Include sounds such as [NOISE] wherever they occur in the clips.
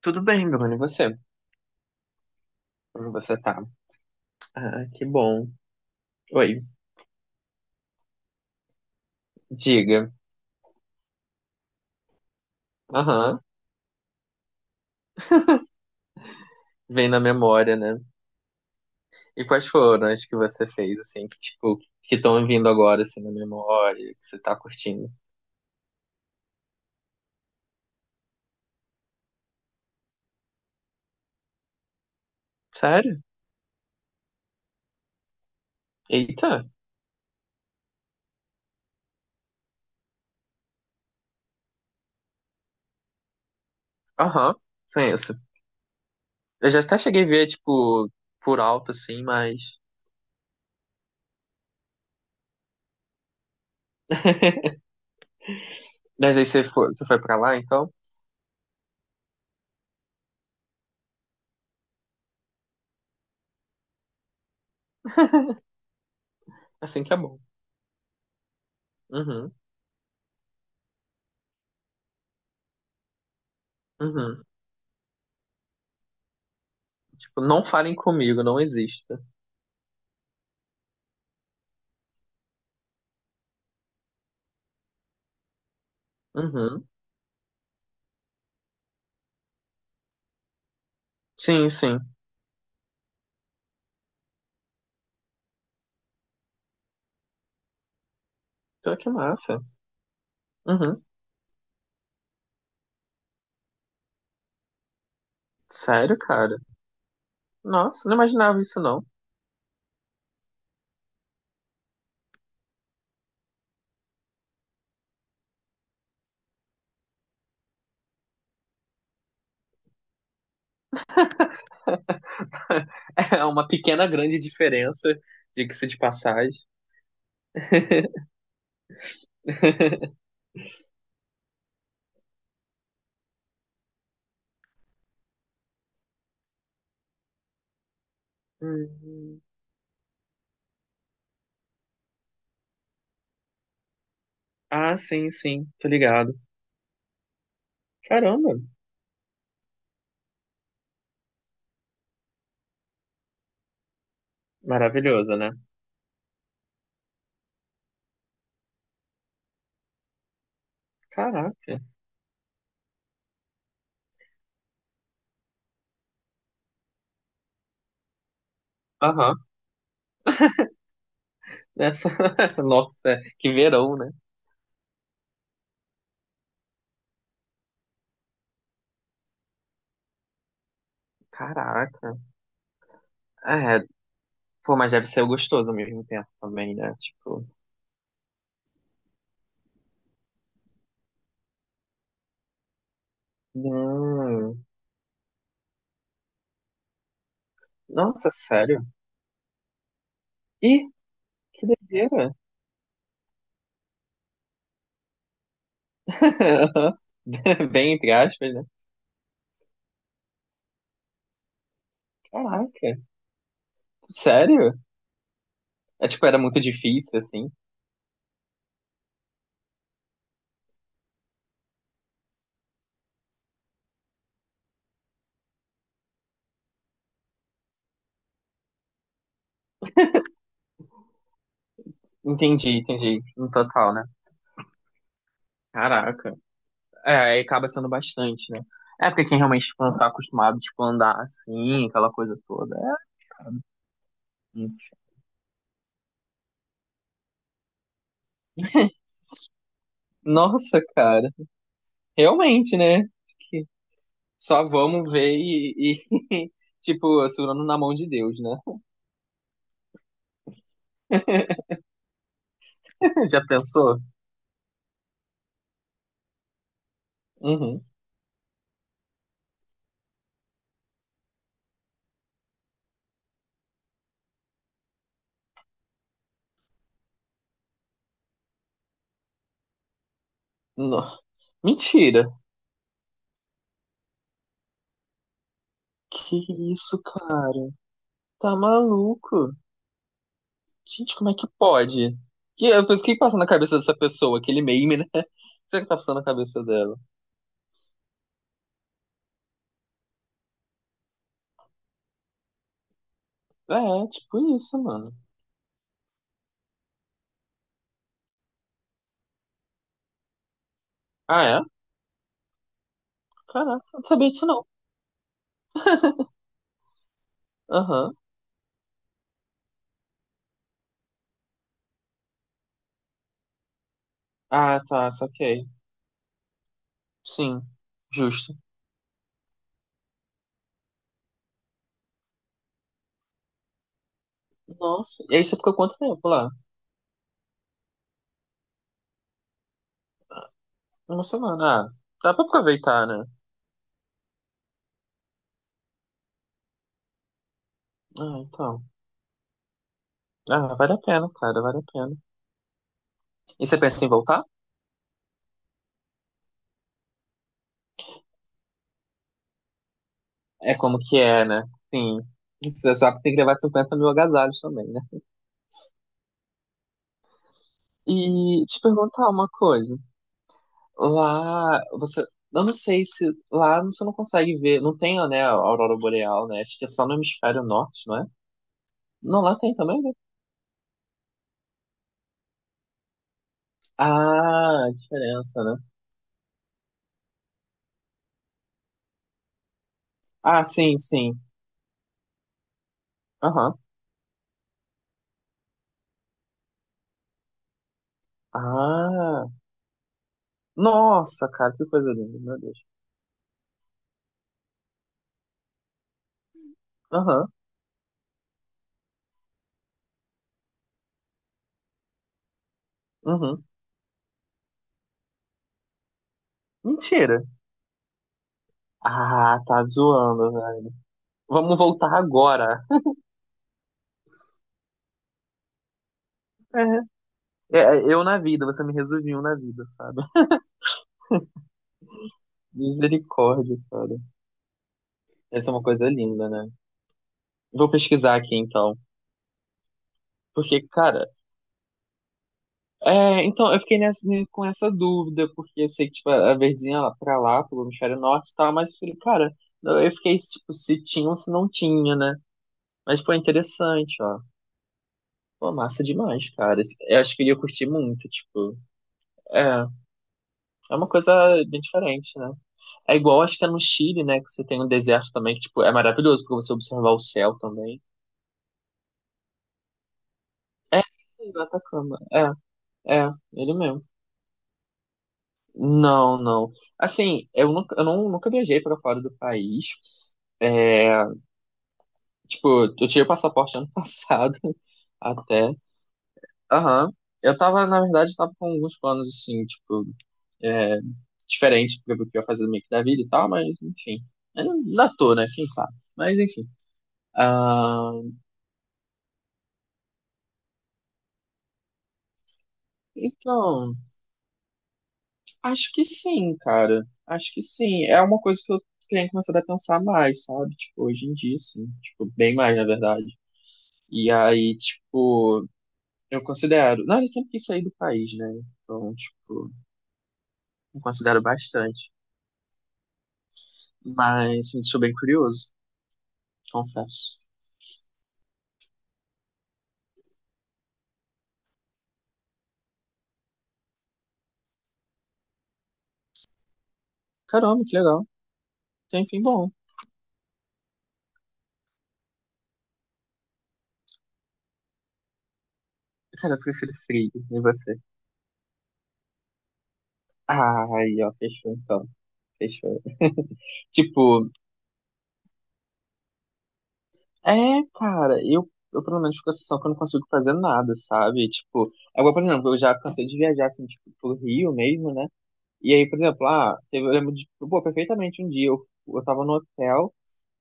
Tudo bem, Bruno, e você? Como você tá? Ah, que bom. Oi, diga. Aham, vem na memória, né? E quais foram as que você fez, assim, que, tipo, que estão vindo agora, assim, na memória, que você tá curtindo? Sério? Eita. Aham, conheço. Eu já até cheguei a ver, tipo, por alto, assim, mas... [LAUGHS] Mas aí você foi pra lá, então? Assim que é bom. Uhum, uhum. Tipo, não falem comigo, não exista. Uhum. Sim, sim. Então, que massa. Uhum. Sério, cara? Nossa, não imaginava isso, não. [LAUGHS] É uma pequena, grande diferença, diga-se de passagem. [LAUGHS] Hum. Ah, sim, sim, tô ligado. Caramba, maravilhoso, né? Caraca. Aham. Essa... [LAUGHS] Nossa, que verão, né? Caraca. É, pô, mas deve ser gostoso ao mesmo tempo também, né? Tipo. Hum. Nossa, sério? Ih, que doideira. [LAUGHS] Bem entre aspas, né? Caraca. Sério? É, tipo, era muito difícil, assim. Entendi, entendi. No total, né? Caraca. É, aí acaba sendo bastante, né? É porque quem realmente, tipo, não tá acostumado, tipo, a andar assim, aquela coisa toda. É. Nossa, cara. Realmente, né? Só vamos ver e, e, [LAUGHS] tipo, segurando na mão de Deus, né? [LAUGHS] Já pensou? Uhum. No- Mentira. Que isso, cara? Tá maluco? Gente, como é que pode? Que, eu penso, o que que passa na cabeça dessa pessoa? Aquele meme, né? [LAUGHS] O que será que tá passando na cabeça dela? É, tipo isso, mano. Ah, é? Caraca, eu não sabia disso não. Aham. Ah, tá, saquei. Sim, justo. Nossa, e aí você ficou quanto tempo lá? Uma semana. Ah, dá pra aproveitar, né? Ah, então. Ah, vale a pena, cara, vale a pena. E você pensa em voltar? É como que é, né? Sim. Você só tem que levar 50.000 agasalhos também, né? E te perguntar uma coisa. Lá, você. Eu não sei se. Lá você não consegue ver. Não tem, né, a aurora boreal, né? Acho que é só no hemisfério norte, não é? Não, lá tem também, né? Ah, a diferença, né? Ah, sim, sim. Aham. Ah. Nossa, cara, que coisa linda, meu Deus. Aham. Uhum. Mentira. Ah, tá zoando, velho. Vamos voltar agora. É, eu na vida, você me resumiu na vida, sabe? [LAUGHS] Misericórdia, cara. Essa é uma coisa linda, né? Vou pesquisar aqui então. Porque, cara, é, então eu fiquei nessa, né, com essa dúvida, porque eu sei que tipo, a verdinha lá pra lá, pro hemisfério norte e tal, mas eu falei, cara, eu fiquei tipo, se tinha ou se não tinha, né? Mas, pô, é interessante, ó. Pô, massa demais, cara. Esse- Eu acho que eu ia curtir muito, tipo. É, é uma coisa bem diferente, né? É igual, acho que é no Chile, né? Que você tem um deserto também, que, tipo, é maravilhoso pra você observar o céu também. É, isso aí, o Atacama. Ele mesmo. Não, não. Assim, eu nunca, eu não, nunca viajei para fora do país. É, tipo, eu tirei o passaporte ano [LAUGHS] passado, até. Aham. Eu tava, na verdade, tava com alguns planos, assim, tipo, diferentes do que eu ia fazer meio que da vida e tal, mas, enfim. Ainda tô, né? Quem sabe? Mas, enfim. Ah, então, acho que sim, cara. Acho que sim. É uma coisa que eu tenho começado a pensar mais, sabe? Tipo, hoje em dia, sim. Tipo, bem mais, na verdade. E aí, tipo. Eu considero. Não, eu sempre quis sair do país, né? Então, tipo, eu considero bastante. Mas, assim, sou bem curioso, confesso. Caramba, que legal. Tem bom. Cara, eu prefiro frio. E você? Ah, aí, ó, fechou então. Fechou. Tipo, é, cara, eu pelo menos fico a sensação que eu não consigo fazer nada, sabe? Tipo, agora, por exemplo, eu já cansei de viajar, assim, tipo, pro Rio mesmo, né? E aí, por exemplo, ah, teve- eu lembro de, tipo, pô, perfeitamente um dia eu tava no hotel.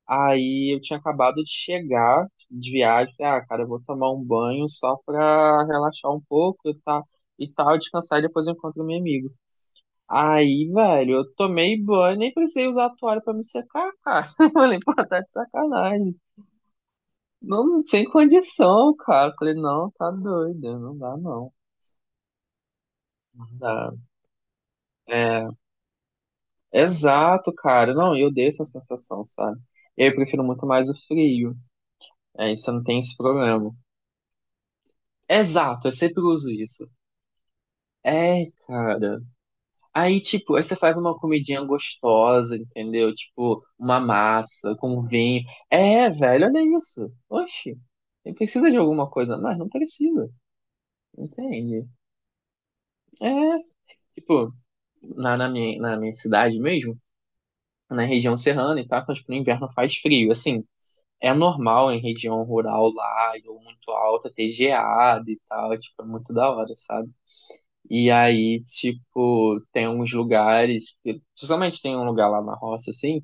Aí eu tinha acabado de chegar de viagem, falei, ah, cara, eu vou tomar um banho só pra relaxar um pouco tá, e tal, descansar e depois eu encontro meu amigo. Aí, velho, eu tomei banho, nem precisei usar a toalha pra me secar, cara. [LAUGHS] Eu falei, pô, tá de sacanagem. Não, sem condição, cara. Eu falei, não, tá doido, não dá não. Não dá. É, exato, cara. Não, eu dei essa sensação, sabe? Eu prefiro muito mais o frio. Aí você não tem esse problema. Exato, eu sempre uso isso. É, cara. Aí, tipo, aí você faz uma comidinha gostosa, entendeu? Tipo, uma massa com vinho. É, velho, olha isso. Oxi, ele precisa de alguma coisa mais? Não precisa, entende? É, tipo, na minha cidade mesmo, na região serrana e tal, mas no inverno faz frio. Assim, é normal em região rural lá, ou muito alta, ter geada e tal, tipo, é muito da hora, sabe? E aí, tipo, tem uns lugares, que- principalmente tem um lugar lá na roça, assim,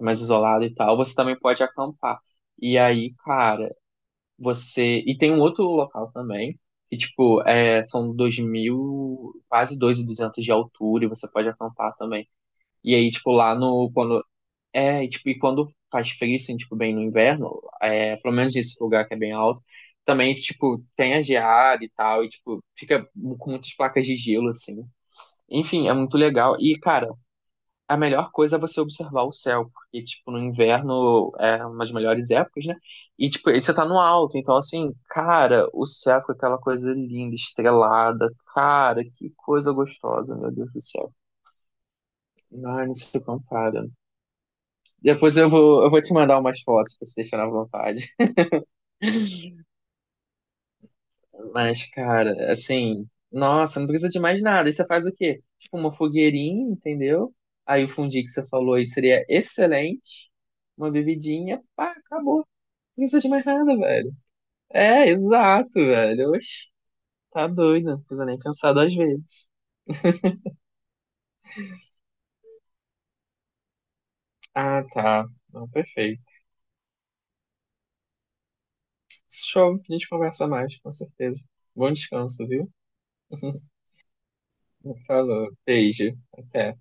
mais isolado e tal, você também pode acampar. E aí, cara, você. E tem um outro local também, que, tipo, é, são 2.000 quase 2.200 de altura, e você pode acampar também. E aí, tipo, lá no. Quando... É, e, tipo, e quando faz frio, assim, tipo, bem no inverno, é, pelo menos nesse lugar que é bem alto, também, tipo, tem a geada e tal, e, tipo, fica com muitas placas de gelo, assim. Enfim, é muito legal. E, cara, a melhor coisa é você observar o céu, porque, tipo, no inverno é uma das melhores épocas, né? E, tipo, aí você tá no alto, então, assim, cara, o céu com aquela coisa linda, estrelada. Cara, que coisa gostosa, meu Deus do céu. Ai, não se compara. Depois eu vou te mandar umas fotos pra você deixar na vontade. Mas, cara, assim, nossa, não precisa de mais nada. Aí você faz o quê? Tipo, uma fogueirinha, entendeu? Aí o fundi que você falou aí seria excelente. Uma bebidinha, pá, acabou. Não precisa de mais nada, velho. É, exato, velho. Oxe, tá doido. Não precisa nem pensar duas vezes. Ah, tá. Não, perfeito. Show. A gente conversa mais, com certeza. Bom descanso, viu? [LAUGHS] Falou. Beijo. Até.